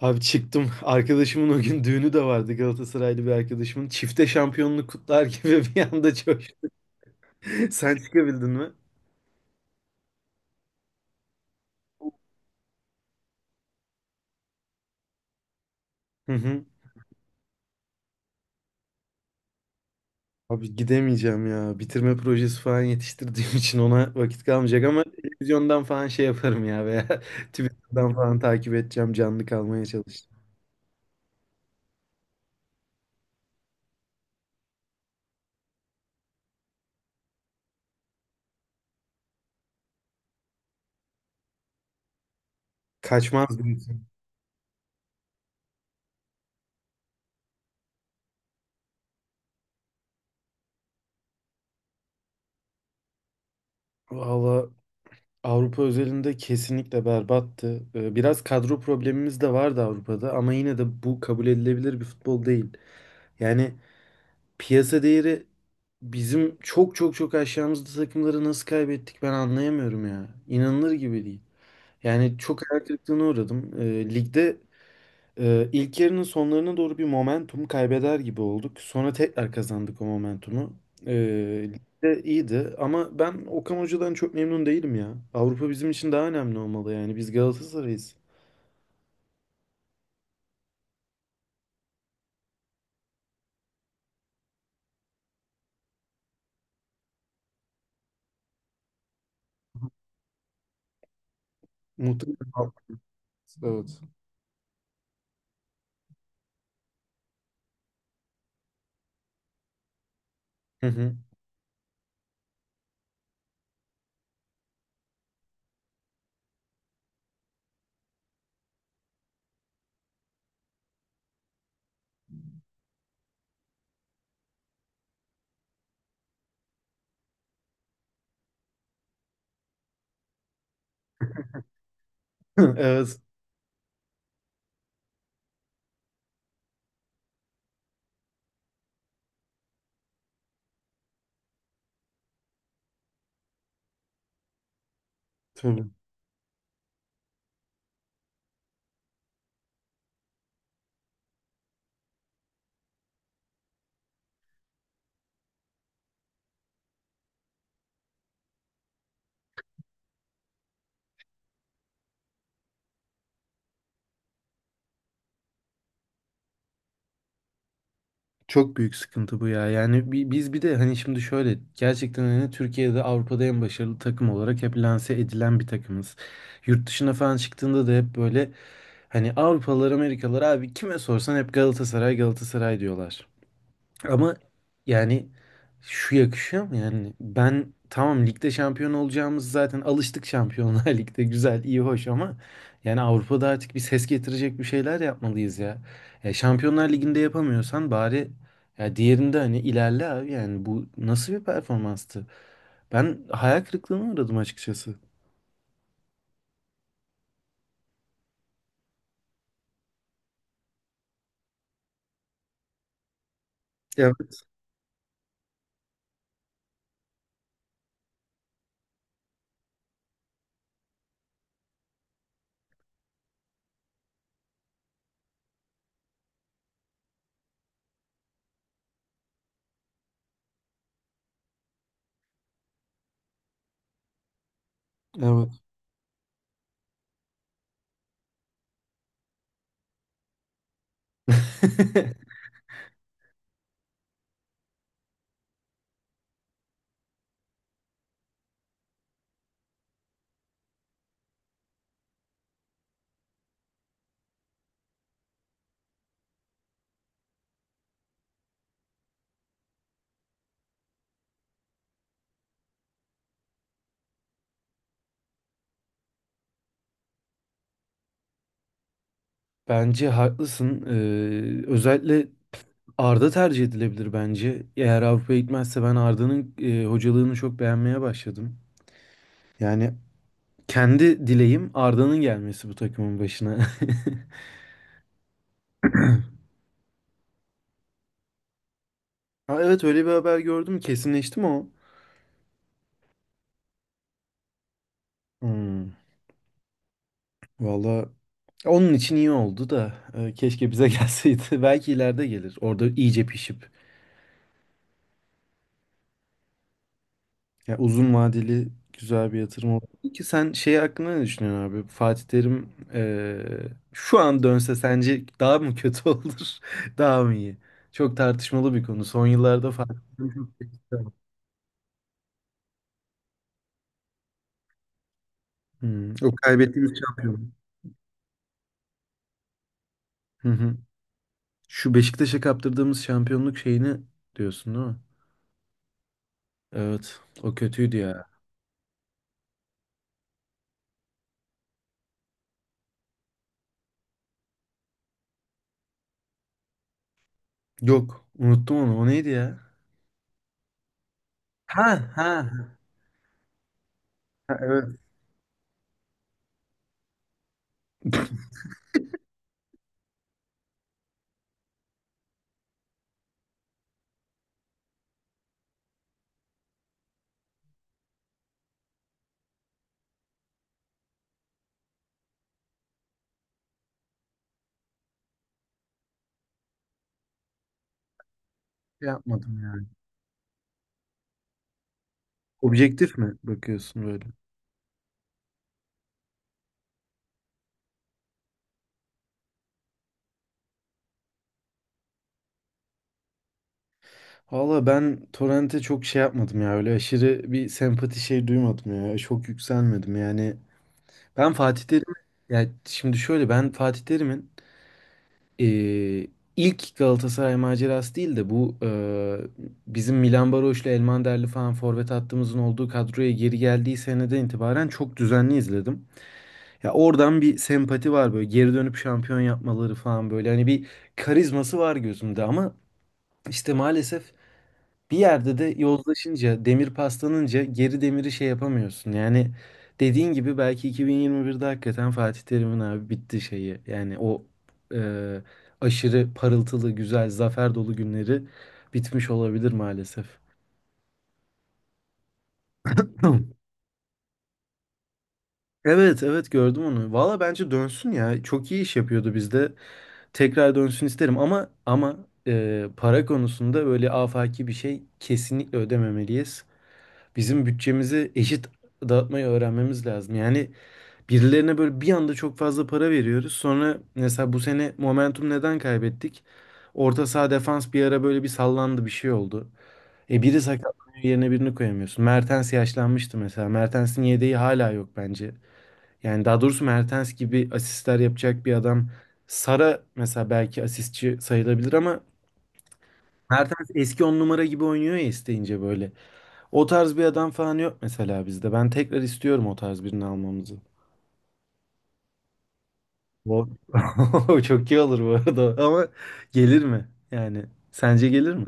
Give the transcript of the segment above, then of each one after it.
Abi çıktım. Arkadaşımın o gün düğünü de vardı Galatasaraylı bir arkadaşımın. Çifte şampiyonluk kutlar gibi bir anda çok. Sen çıkabildin mi? Hı hı. Abi gidemeyeceğim ya. Bitirme projesi falan yetiştirdiğim için ona vakit kalmayacak ama televizyondan falan şey yaparım ya veya Twitter'dan falan takip edeceğim. Canlı kalmaya çalışacağım. Kaçmaz diyorsun. Valla Avrupa özelinde kesinlikle berbattı. Biraz kadro problemimiz de vardı Avrupa'da ama yine de bu kabul edilebilir bir futbol değil. Yani piyasa değeri bizim çok çok çok aşağımızda takımları nasıl kaybettik ben anlayamıyorum ya. İnanılır gibi değil. Yani çok hayal kırıklığına uğradım. Ligde ilk yarının sonlarına doğru bir momentum kaybeder gibi olduk. Sonra tekrar kazandık o momentumu. Ligde iyiydi ama ben Okan Hoca'dan çok memnun değilim ya. Avrupa bizim için daha önemli olmalı yani. Biz Galatasaray'ız. Muhtemelen. Evet. Hı hı. Evet. Tabii. Çok büyük sıkıntı bu ya. Yani biz bir de hani şimdi şöyle gerçekten hani Türkiye'de Avrupa'da en başarılı takım olarak hep lanse edilen bir takımız. Yurt dışına falan çıktığında da hep böyle hani Avrupalılar, Amerikalılar abi kime sorsan hep Galatasaray Galatasaray diyorlar. Ama yani şu yakışıyor mu yani? Ben tamam ligde şampiyon olacağımız zaten alıştık Şampiyonlar Lig'de güzel, iyi, hoş ama yani Avrupa'da artık bir ses getirecek bir şeyler yapmalıyız ya. Şampiyonlar Ligi'nde yapamıyorsan bari ya diğerinde hani ilerle abi yani bu nasıl bir performanstı? Ben hayal kırıklığına uğradım açıkçası. Evet. Evet. Bence haklısın. Özellikle Arda tercih edilebilir bence. Eğer Avrupa'ya gitmezse ben Arda'nın hocalığını çok beğenmeye başladım. Yani kendi dileğim Arda'nın gelmesi bu takımın başına. Ha, evet öyle bir haber gördüm. Kesinleşti mi o? Hmm, valla onun için iyi oldu da keşke bize gelseydi. Belki ileride gelir. Orada iyice pişip. Ya uzun vadeli güzel bir yatırım oldu. Peki sen şey hakkında ne düşünüyorsun abi? Fatih Terim şu an dönse sence daha mı kötü olur? Daha mı iyi? Çok tartışmalı bir konu. Son yıllarda Fatih Terim çok kötü. O kaybettiğimiz şampiyonluk. Hı hı. Şu Beşiktaş'a kaptırdığımız şampiyonluk şeyini diyorsun değil mi? Evet. O kötüydü ya. Yok. Unuttum onu. O neydi ya? Ha ha. Ha, evet. Şey yapmadım yani. Objektif mi bakıyorsun böyle? Valla ben Torrent'e çok şey yapmadım ya öyle aşırı bir sempati şey duymadım ya çok yükselmedim yani ben Fatih Terim ya şimdi şöyle ben Fatih Terim'in eee, ilk Galatasaray macerası değil de bu bizim Milan Baroş'la Elmanderli falan forvet hattımızın olduğu kadroya geri geldiği seneden itibaren çok düzenli izledim. Ya oradan bir sempati var böyle geri dönüp şampiyon yapmaları falan böyle hani bir karizması var gözümde ama işte maalesef bir yerde de yozlaşınca, demir paslanınca geri demiri şey yapamıyorsun. Yani dediğin gibi belki 2021'de hakikaten Fatih Terim'in abi bitti şeyi. Yani o e, aşırı parıltılı, güzel, zafer dolu günleri bitmiş olabilir maalesef. Hı. Evet, evet gördüm onu. Valla bence dönsün ya. Çok iyi iş yapıyordu bizde. Tekrar dönsün isterim ama para konusunda böyle afaki bir şey kesinlikle ödememeliyiz. Bizim bütçemizi eşit dağıtmayı öğrenmemiz lazım. Yani birilerine böyle bir anda çok fazla para veriyoruz. Sonra mesela bu sene momentum neden kaybettik? Orta saha defans bir ara böyle bir sallandı bir şey oldu. Biri sakatlanıyor yerine birini koyamıyorsun. Mertens yaşlanmıştı mesela. Mertens'in yedeği hala yok bence. Yani daha doğrusu Mertens gibi asistler yapacak bir adam. Sara mesela belki asistçi sayılabilir ama Mertens eski on numara gibi oynuyor ya isteyince böyle. O tarz bir adam falan yok mesela bizde. Ben tekrar istiyorum o tarz birini almamızı. O çok iyi olur bu arada. Ama gelir mi? Yani sence gelir mi?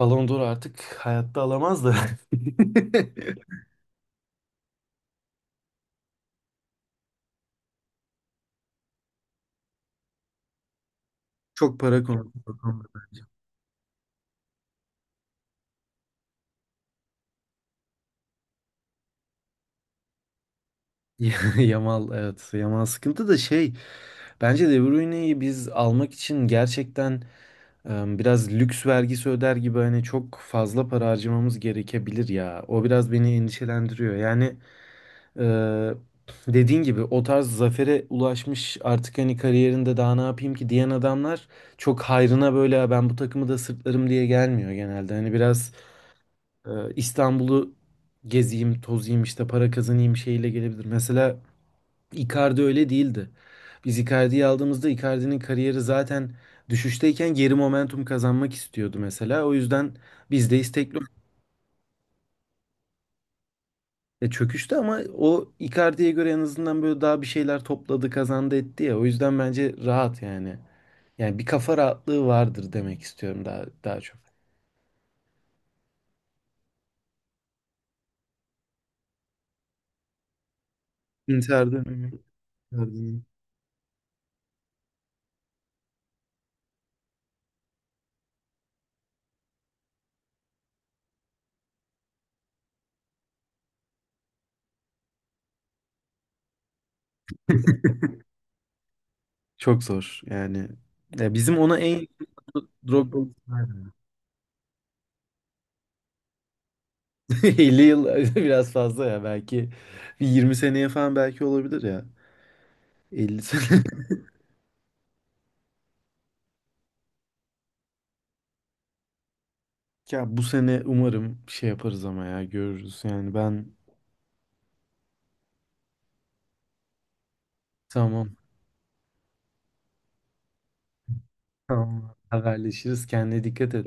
Ballon d'Or artık hayatta alamaz da. Çok para konusu. O konuda. Yamal evet. Yamal sıkıntı da şey. Bence De Bruyne'yi biz almak için gerçekten biraz lüks vergisi öder gibi hani çok fazla para harcamamız gerekebilir ya. O biraz beni endişelendiriyor. Yani Ee, dediğin gibi o tarz zafere ulaşmış artık hani kariyerinde daha ne yapayım ki diyen adamlar çok hayrına böyle "Ya ben bu takımı da sırtlarım diye gelmiyor genelde. Hani biraz e, İstanbul'u gezeyim, tozayım işte para kazanayım şeyle gelebilir. Mesela Icardi öyle değildi. Biz Icardi'yi aldığımızda Icardi'nin kariyeri zaten düşüşteyken geri momentum kazanmak istiyordu mesela. O yüzden biz de istekli. Çöküştü ama o Icardi'ye göre en azından böyle daha bir şeyler topladı, kazandı etti ya. O yüzden bence rahat yani. Yani bir kafa rahatlığı vardır demek istiyorum daha daha çok. Inter dönemi. Icardi'nin. Çok zor yani. Ya bizim ona en Drogba 50 yıl biraz fazla ya belki bir 20 seneye falan belki olabilir ya. 50 sene. Ya bu sene umarım şey yaparız ama ya görürüz yani ben tamam. Tamam. Haberleşiriz. Kendine dikkat et.